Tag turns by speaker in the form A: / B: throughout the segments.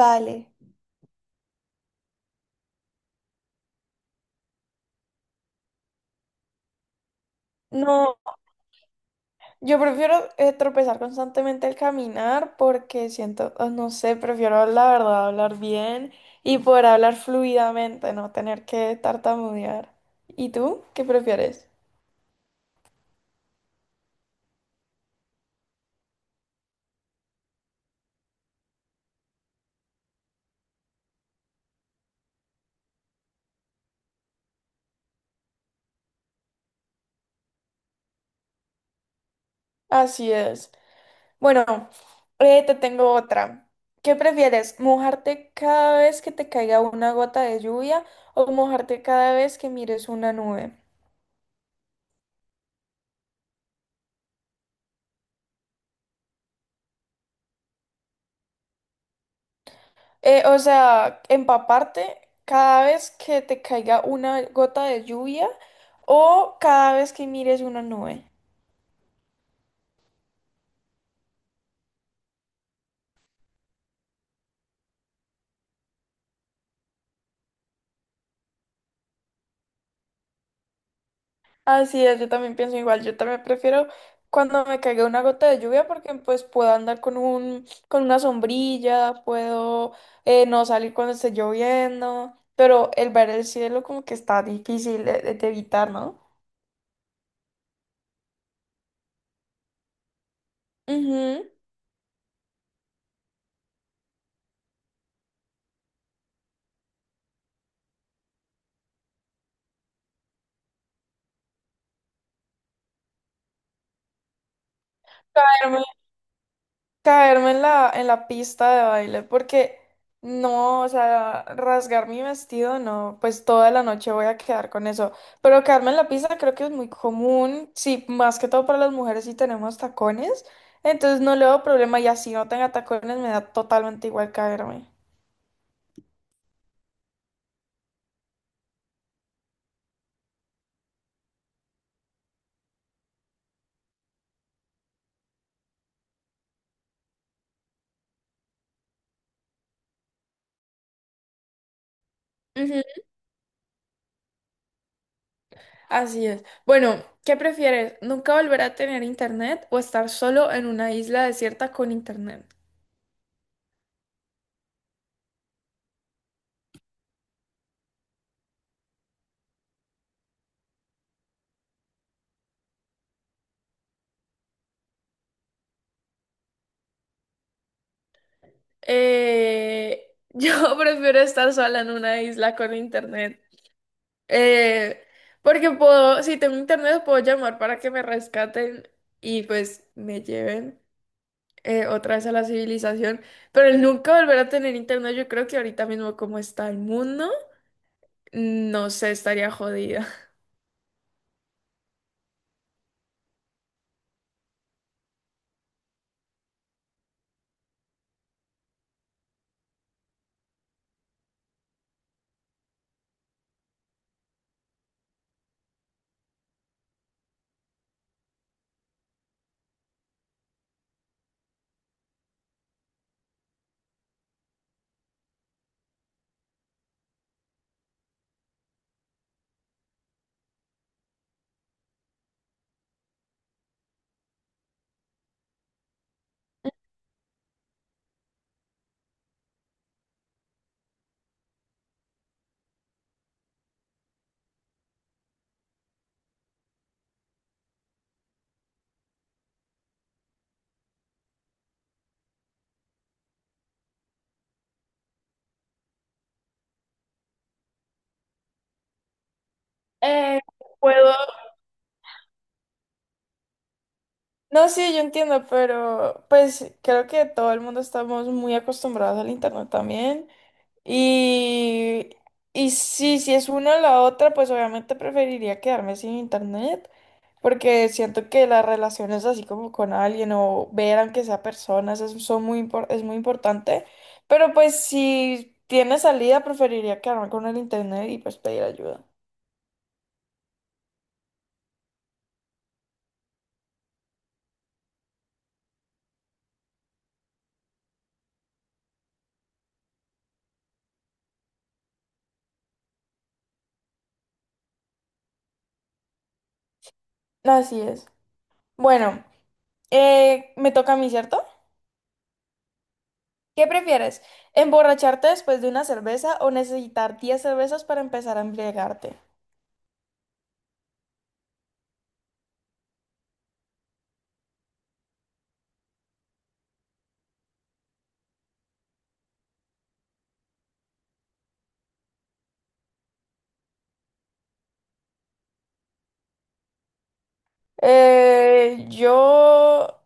A: Vale. No, yo prefiero tropezar constantemente al caminar porque siento, oh, no sé, prefiero la verdad hablar bien y poder hablar fluidamente, no tener que tartamudear. ¿Y tú qué prefieres? Así es. Bueno, te tengo otra. ¿Qué prefieres? ¿Mojarte cada vez que te caiga una gota de lluvia o mojarte cada vez que mires una nube? O sea, empaparte cada vez que te caiga una gota de lluvia o cada vez que mires una nube. Así es, yo también pienso igual. Yo también prefiero cuando me caiga una gota de lluvia porque pues puedo andar con un, con una sombrilla, puedo no salir cuando esté lloviendo, pero el ver el cielo como que está difícil de, de evitar, ¿no? Ujú. Caerme en la pista de baile, porque no, o sea, rasgar mi vestido, no, pues toda la noche voy a quedar con eso. Pero caerme en la pista creo que es muy común, sí, más que todo para las mujeres si tenemos tacones, entonces no le veo problema y así no tenga tacones me da totalmente igual caerme. Ujú, así es. Bueno, ¿qué prefieres? ¿Nunca volver a tener internet o estar solo en una isla desierta con internet? Yo prefiero estar sola en una isla con internet. Eh, Porque puedo, si tengo internet, puedo llamar para que me rescaten y pues me lleven otra vez a la civilización. Pero el nunca volver a tener internet, yo creo que ahorita mismo como está el mundo, no sé, estaría jodida. Eh, Puedo. No, sí, yo entiendo, pero pues creo que todo el mundo estamos muy acostumbrados al internet también. Y, y sí, si es una o la otra, pues obviamente preferiría quedarme sin internet, porque siento que las relaciones así como con alguien o ver aunque sea personas es, son muy, es muy importante. Pero pues si tiene salida, preferiría quedarme con el internet y pues pedir ayuda. Así es. Bueno, me toca a mí, ¿cierto? ¿Qué prefieres? ¿Emborracharte después de una cerveza o necesitar 10 cervezas para empezar a embriagarte? Eh, yo...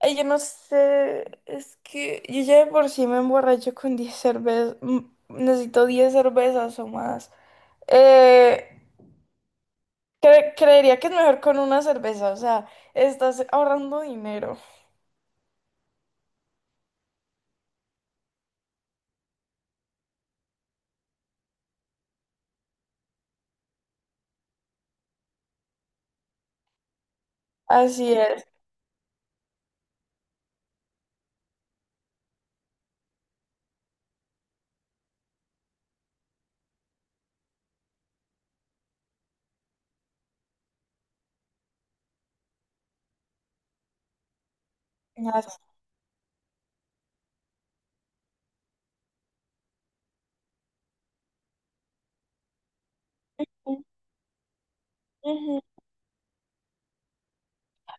A: Ay, yo no sé, es que yo ya de por sí me emborracho con 10 cervezas, necesito 10 cervezas o más. Eh, Creería que es mejor con una cerveza, o sea, estás ahorrando dinero. Así es. Así. Ujú.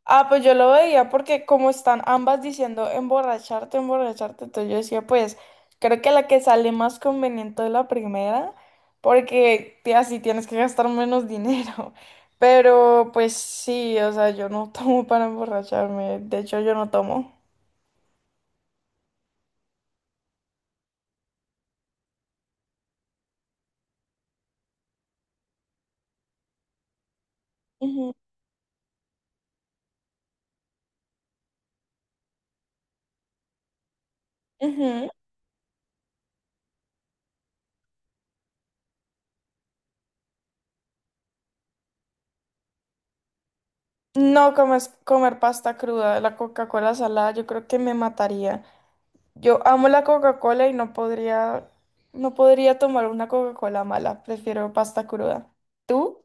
A: Ah, pues yo lo veía porque como están ambas diciendo emborracharte, emborracharte, entonces yo decía, pues creo que la que sale más conveniente es la primera, porque así tienes que gastar menos dinero. Pero pues sí, o sea, yo no tomo para emborracharme, de hecho yo no tomo. Ujú, ujú. No comes- Comer pasta cruda, la Coca-Cola salada, yo creo que me mataría. Yo amo la Coca-Cola y no podría, no podría tomar una Coca-Cola mala. Prefiero pasta cruda. ¿Tú?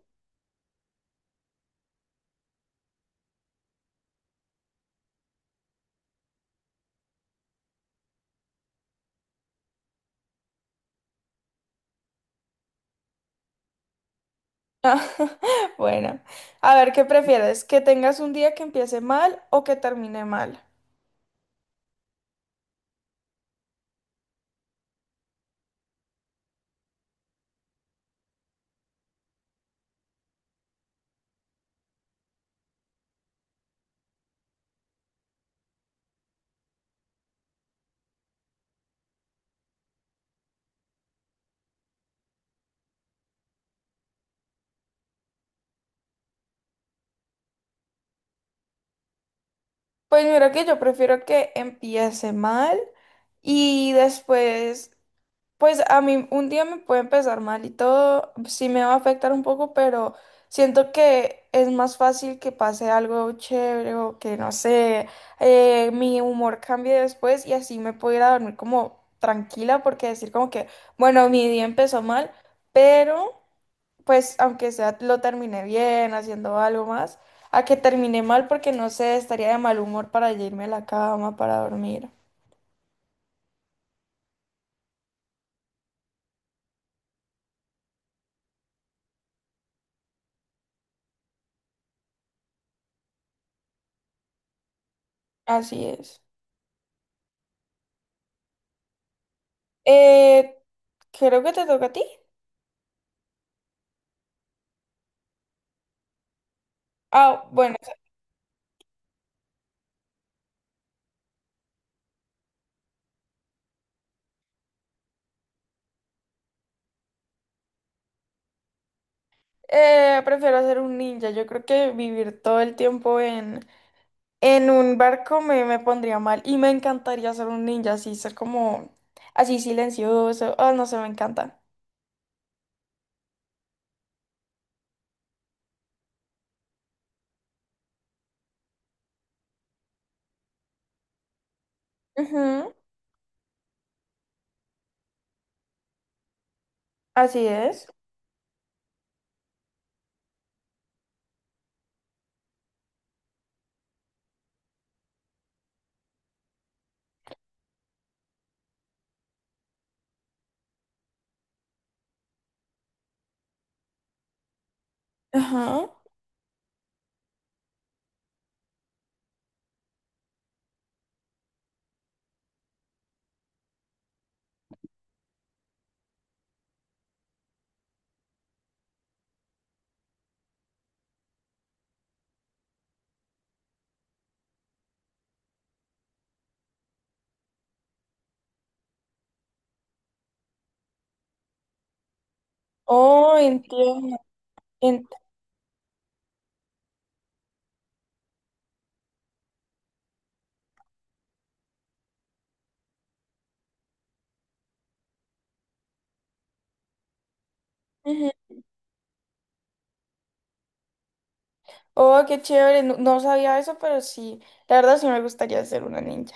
A: Ah, bueno, a ver, ¿qué prefieres? ¿Que tengas un día que empiece mal o que termine mal? Pues mira que yo prefiero que empiece mal y después. Pues a mí un día me puede empezar mal y todo, sí me va a afectar un poco, pero siento que es más fácil que pase algo chévere o que no sé, mi humor cambie después y así me puedo ir a dormir como tranquila porque decir como que, bueno, mi día empezó mal, pero pues aunque sea lo terminé bien, haciendo algo más, a que termine mal porque no sé, estaría de mal humor para ya irme a la cama, para dormir. Así es. Eh, Creo que te toca a ti. Ah, bueno, prefiero ser un ninja. Yo creo que vivir todo el tiempo en un barco me, me pondría mal. Y me encantaría ser un ninja, así ser como así silencioso. Oh, no sé, me encanta. Ujú, así es. Ajá. Oh, entiendo. ent- Ujú. Oh, qué chévere. No, no sabía eso, pero sí. La verdad sí me gustaría ser una ninja.